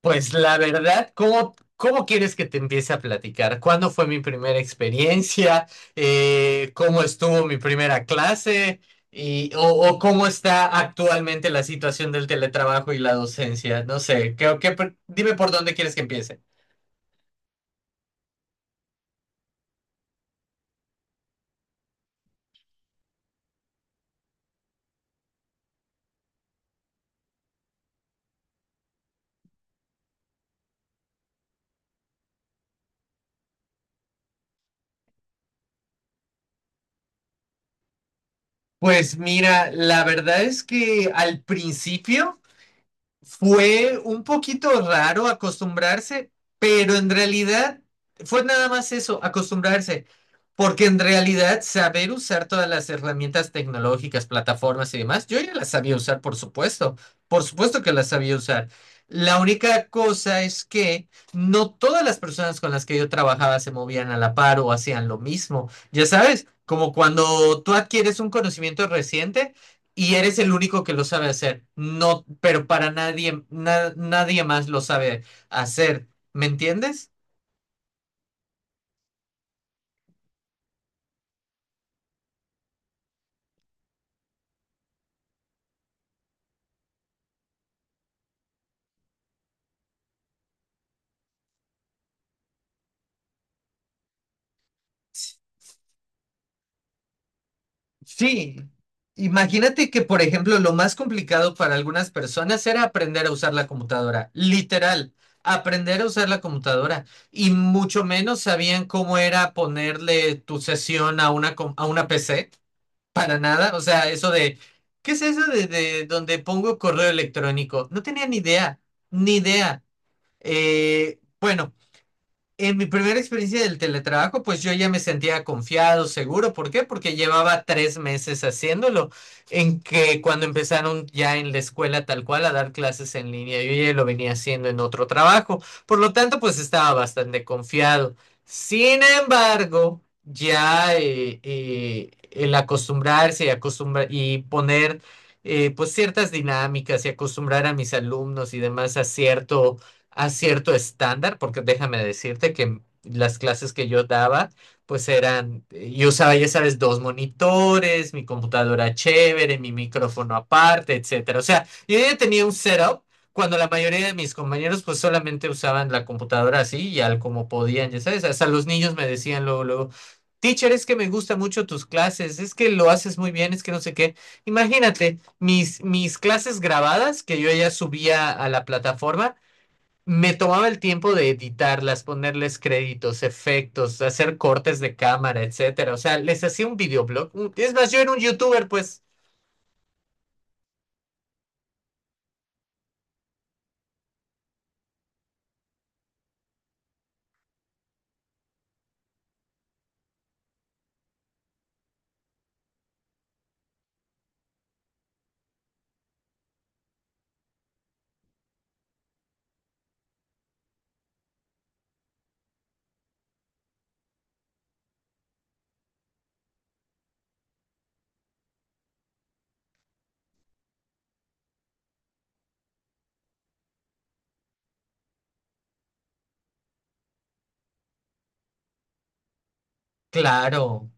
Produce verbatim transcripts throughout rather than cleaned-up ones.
Pues la verdad, ¿cómo, cómo quieres que te empiece a platicar? ¿Cuándo fue mi primera experiencia? Eh, ¿cómo estuvo mi primera clase? Y, o, o cómo está actualmente la situación del teletrabajo y la docencia? No sé, ¿qué, qué dime por dónde quieres que empiece. Pues mira, la verdad es que al principio... Fue un poquito raro acostumbrarse, pero en realidad fue nada más eso, acostumbrarse, porque en realidad saber usar todas las herramientas tecnológicas, plataformas y demás, yo ya las sabía usar, por supuesto, por supuesto que las sabía usar. La única cosa es que no todas las personas con las que yo trabajaba se movían a la par o hacían lo mismo. Ya sabes, como cuando tú adquieres un conocimiento reciente. Y eres el único que lo sabe hacer. No, pero para nadie, na- nadie más lo sabe hacer. ¿Me entiendes? Sí. Imagínate que, por ejemplo, lo más complicado para algunas personas era aprender a usar la computadora. Literal, aprender a usar la computadora. Y mucho menos sabían cómo era ponerle tu sesión a una, com- a una P C. Para nada. O sea, eso de, ¿qué es eso de, de donde pongo correo electrónico? No tenía ni idea. Ni idea. Eh, bueno, en mi primera experiencia del teletrabajo, pues yo ya me sentía confiado, seguro. ¿Por qué? Porque llevaba tres meses haciéndolo, en que cuando empezaron ya en la escuela tal cual a dar clases en línea, yo ya lo venía haciendo en otro trabajo. Por lo tanto, pues estaba bastante confiado. Sin embargo, ya eh, eh, el acostumbrarse y, acostumbra- y poner eh, pues ciertas dinámicas y acostumbrar a mis alumnos y demás a cierto a cierto estándar, porque déjame decirte que las clases que yo daba, pues eran, yo usaba, ya sabes, dos monitores, mi computadora chévere, mi micrófono aparte, etcétera. O sea, yo ya tenía un setup cuando la mayoría de mis compañeros pues solamente usaban la computadora así y al como podían, ya sabes, hasta los niños me decían luego, luego, teacher, es que me gustan mucho tus clases, es que lo haces muy bien, es que no sé qué. Imagínate, mis, mis clases grabadas que yo ya subía a la plataforma, me tomaba el tiempo de editarlas, ponerles créditos, efectos, hacer cortes de cámara, etcétera. O sea, les hacía un videoblog. Un- Es más, yo era un youtuber, pues. Claro.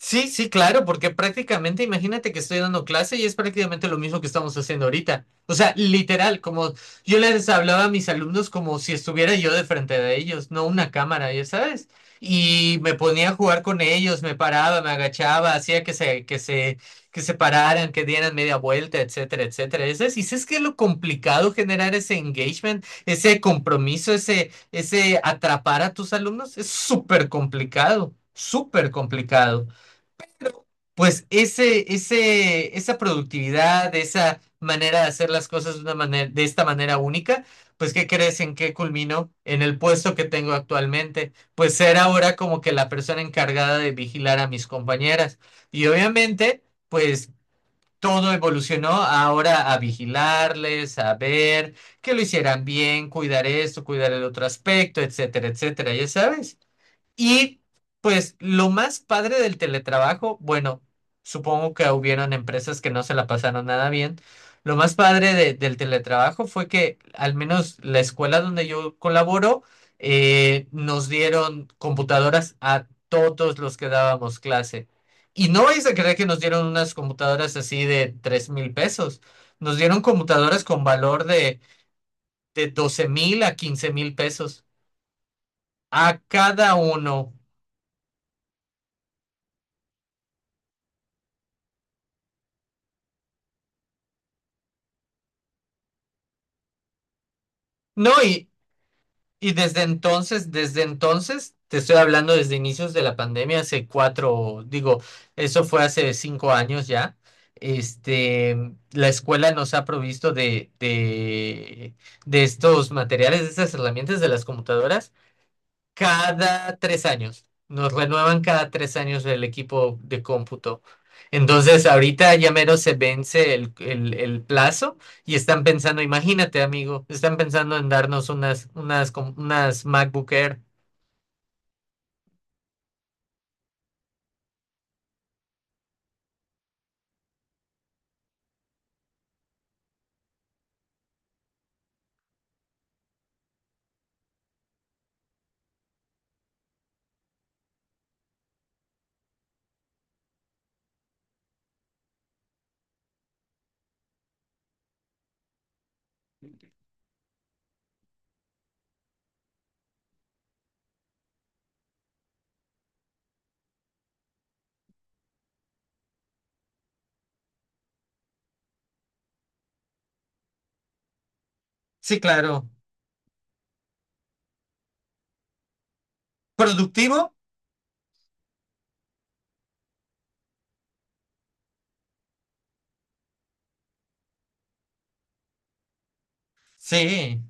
Sí, sí, claro, porque prácticamente, imagínate que estoy dando clase y es prácticamente lo mismo que estamos haciendo ahorita. O sea, literal, como yo les hablaba a mis alumnos como si estuviera yo de frente de ellos, no una cámara, ya sabes. Y me ponía a jugar con ellos, me paraba, me agachaba, hacía que se, que se, que se pararan, que dieran media vuelta, etcétera, etcétera. Y sabes, y sabes que es lo complicado generar ese engagement, ese compromiso, ese, ese atrapar a tus alumnos, es súper complicado, súper complicado. Pues ese, ese, esa productividad, esa manera de hacer las cosas de una manera, de esta manera única, pues ¿qué crees en qué culminó? En el puesto que tengo actualmente, pues ser ahora como que la persona encargada de vigilar a mis compañeras. Y obviamente, pues todo evolucionó ahora a vigilarles, a ver que lo hicieran bien, cuidar esto, cuidar el otro aspecto, etcétera, etcétera, ya sabes. Y pues lo más padre del teletrabajo, bueno, supongo que hubieron empresas que no se la pasaron nada bien. Lo más padre de- del teletrabajo fue que al menos la escuela donde yo colaboro eh, nos dieron computadoras a todos los que dábamos clase. Y no vais a creer que nos dieron unas computadoras así de tres mil pesos. Nos dieron computadoras con valor de, de doce mil a quince mil pesos a cada uno. No, y, Y desde entonces, desde entonces, te estoy hablando desde inicios de la pandemia, hace cuatro, digo, eso fue hace cinco años ya. Este, la escuela nos ha provisto de, de, de estos materiales, de estas herramientas de las computadoras cada tres años. Nos renuevan cada tres años el equipo de cómputo. Entonces, ahorita ya mero se vence el, el- el plazo y están pensando, imagínate, amigo, están pensando en darnos unas, unas, com- unas MacBook Air. Sí, claro. ¿Productivo? Sí.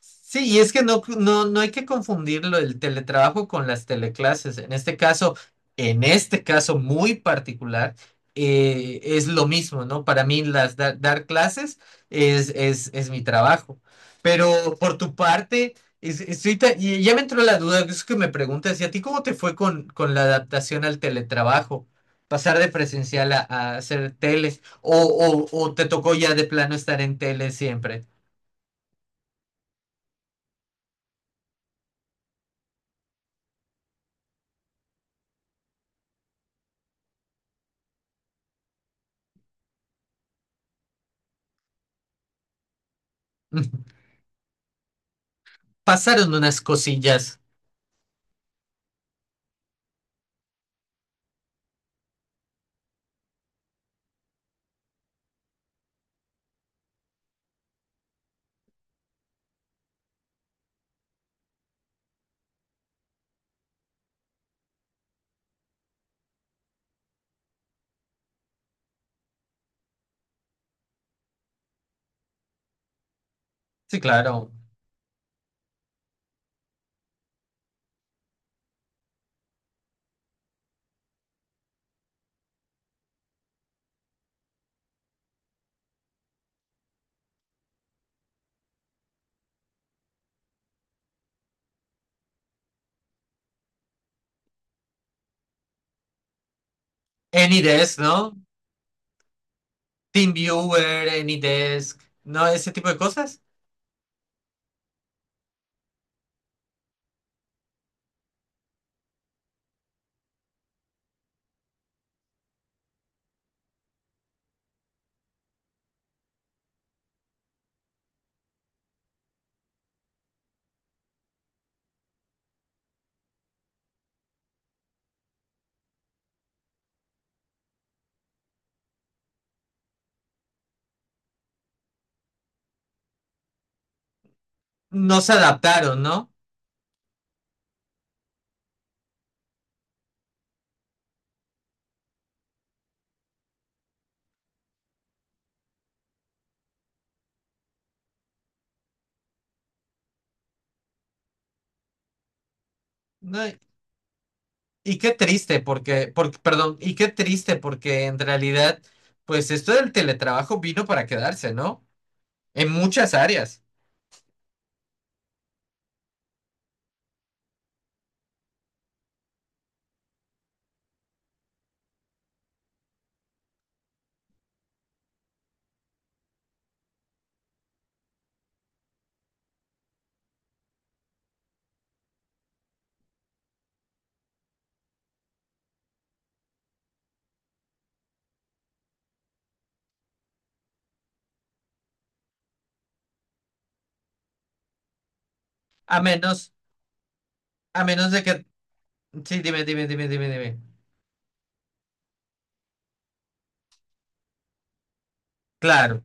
Sí, y es que no, no, no hay que confundirlo el teletrabajo con las teleclases. En este caso, en este caso muy particular, eh, es lo mismo, ¿no? Para mí las da- dar clases es, es, es mi trabajo. Pero por tu parte, es- estoy ta- y ya me entró la duda, es que me preguntas, ¿y a ti cómo te fue con, con la adaptación al teletrabajo? Pasar de presencial a, a hacer tele, o, o, o te tocó ya de plano estar en tele siempre. Pasaron unas cosillas. Sí, claro. AnyDesk, ¿no? TeamViewer, AnyDesk, ¿no? Ese tipo de cosas. No se adaptaron, ¿no? No, y qué triste porque, porque, perdón, y qué triste porque en realidad, pues esto del teletrabajo vino para quedarse, ¿no? En muchas áreas. A menos, a menos de que, sí, dime, dime, dime, dime, dime. Claro.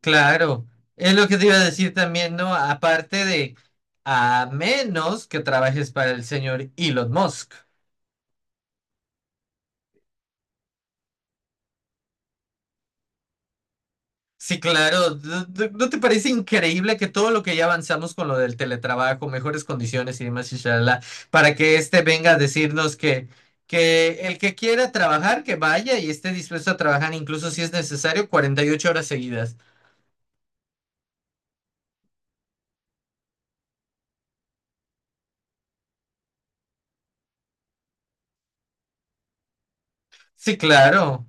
Claro, es lo que te iba a decir también, ¿no? Aparte de, a menos que trabajes para el señor Elon Musk. Sí, claro, ¿no no- no te parece increíble que todo lo que ya avanzamos con lo del teletrabajo, mejores condiciones y demás, inshallah, para que este venga a decirnos que, que el que quiera trabajar, que vaya y esté dispuesto a trabajar, incluso si es necesario, cuarenta y ocho horas seguidas? Sí, claro,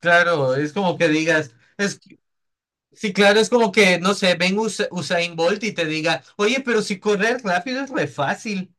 claro, es como que digas, es Sí, claro, es como que, no sé, ven Usa- Usain Bolt y te diga, oye, pero si correr rápido es re fácil.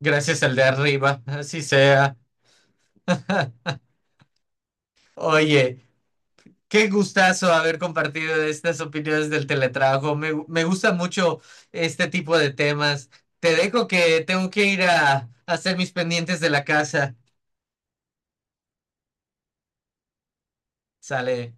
Gracias al de arriba, así sea. Oye, qué gustazo haber compartido estas opiniones del teletrabajo. Me, gu- me gusta mucho este tipo de temas. Te dejo que tengo que ir a, a hacer mis pendientes de la casa. Sale.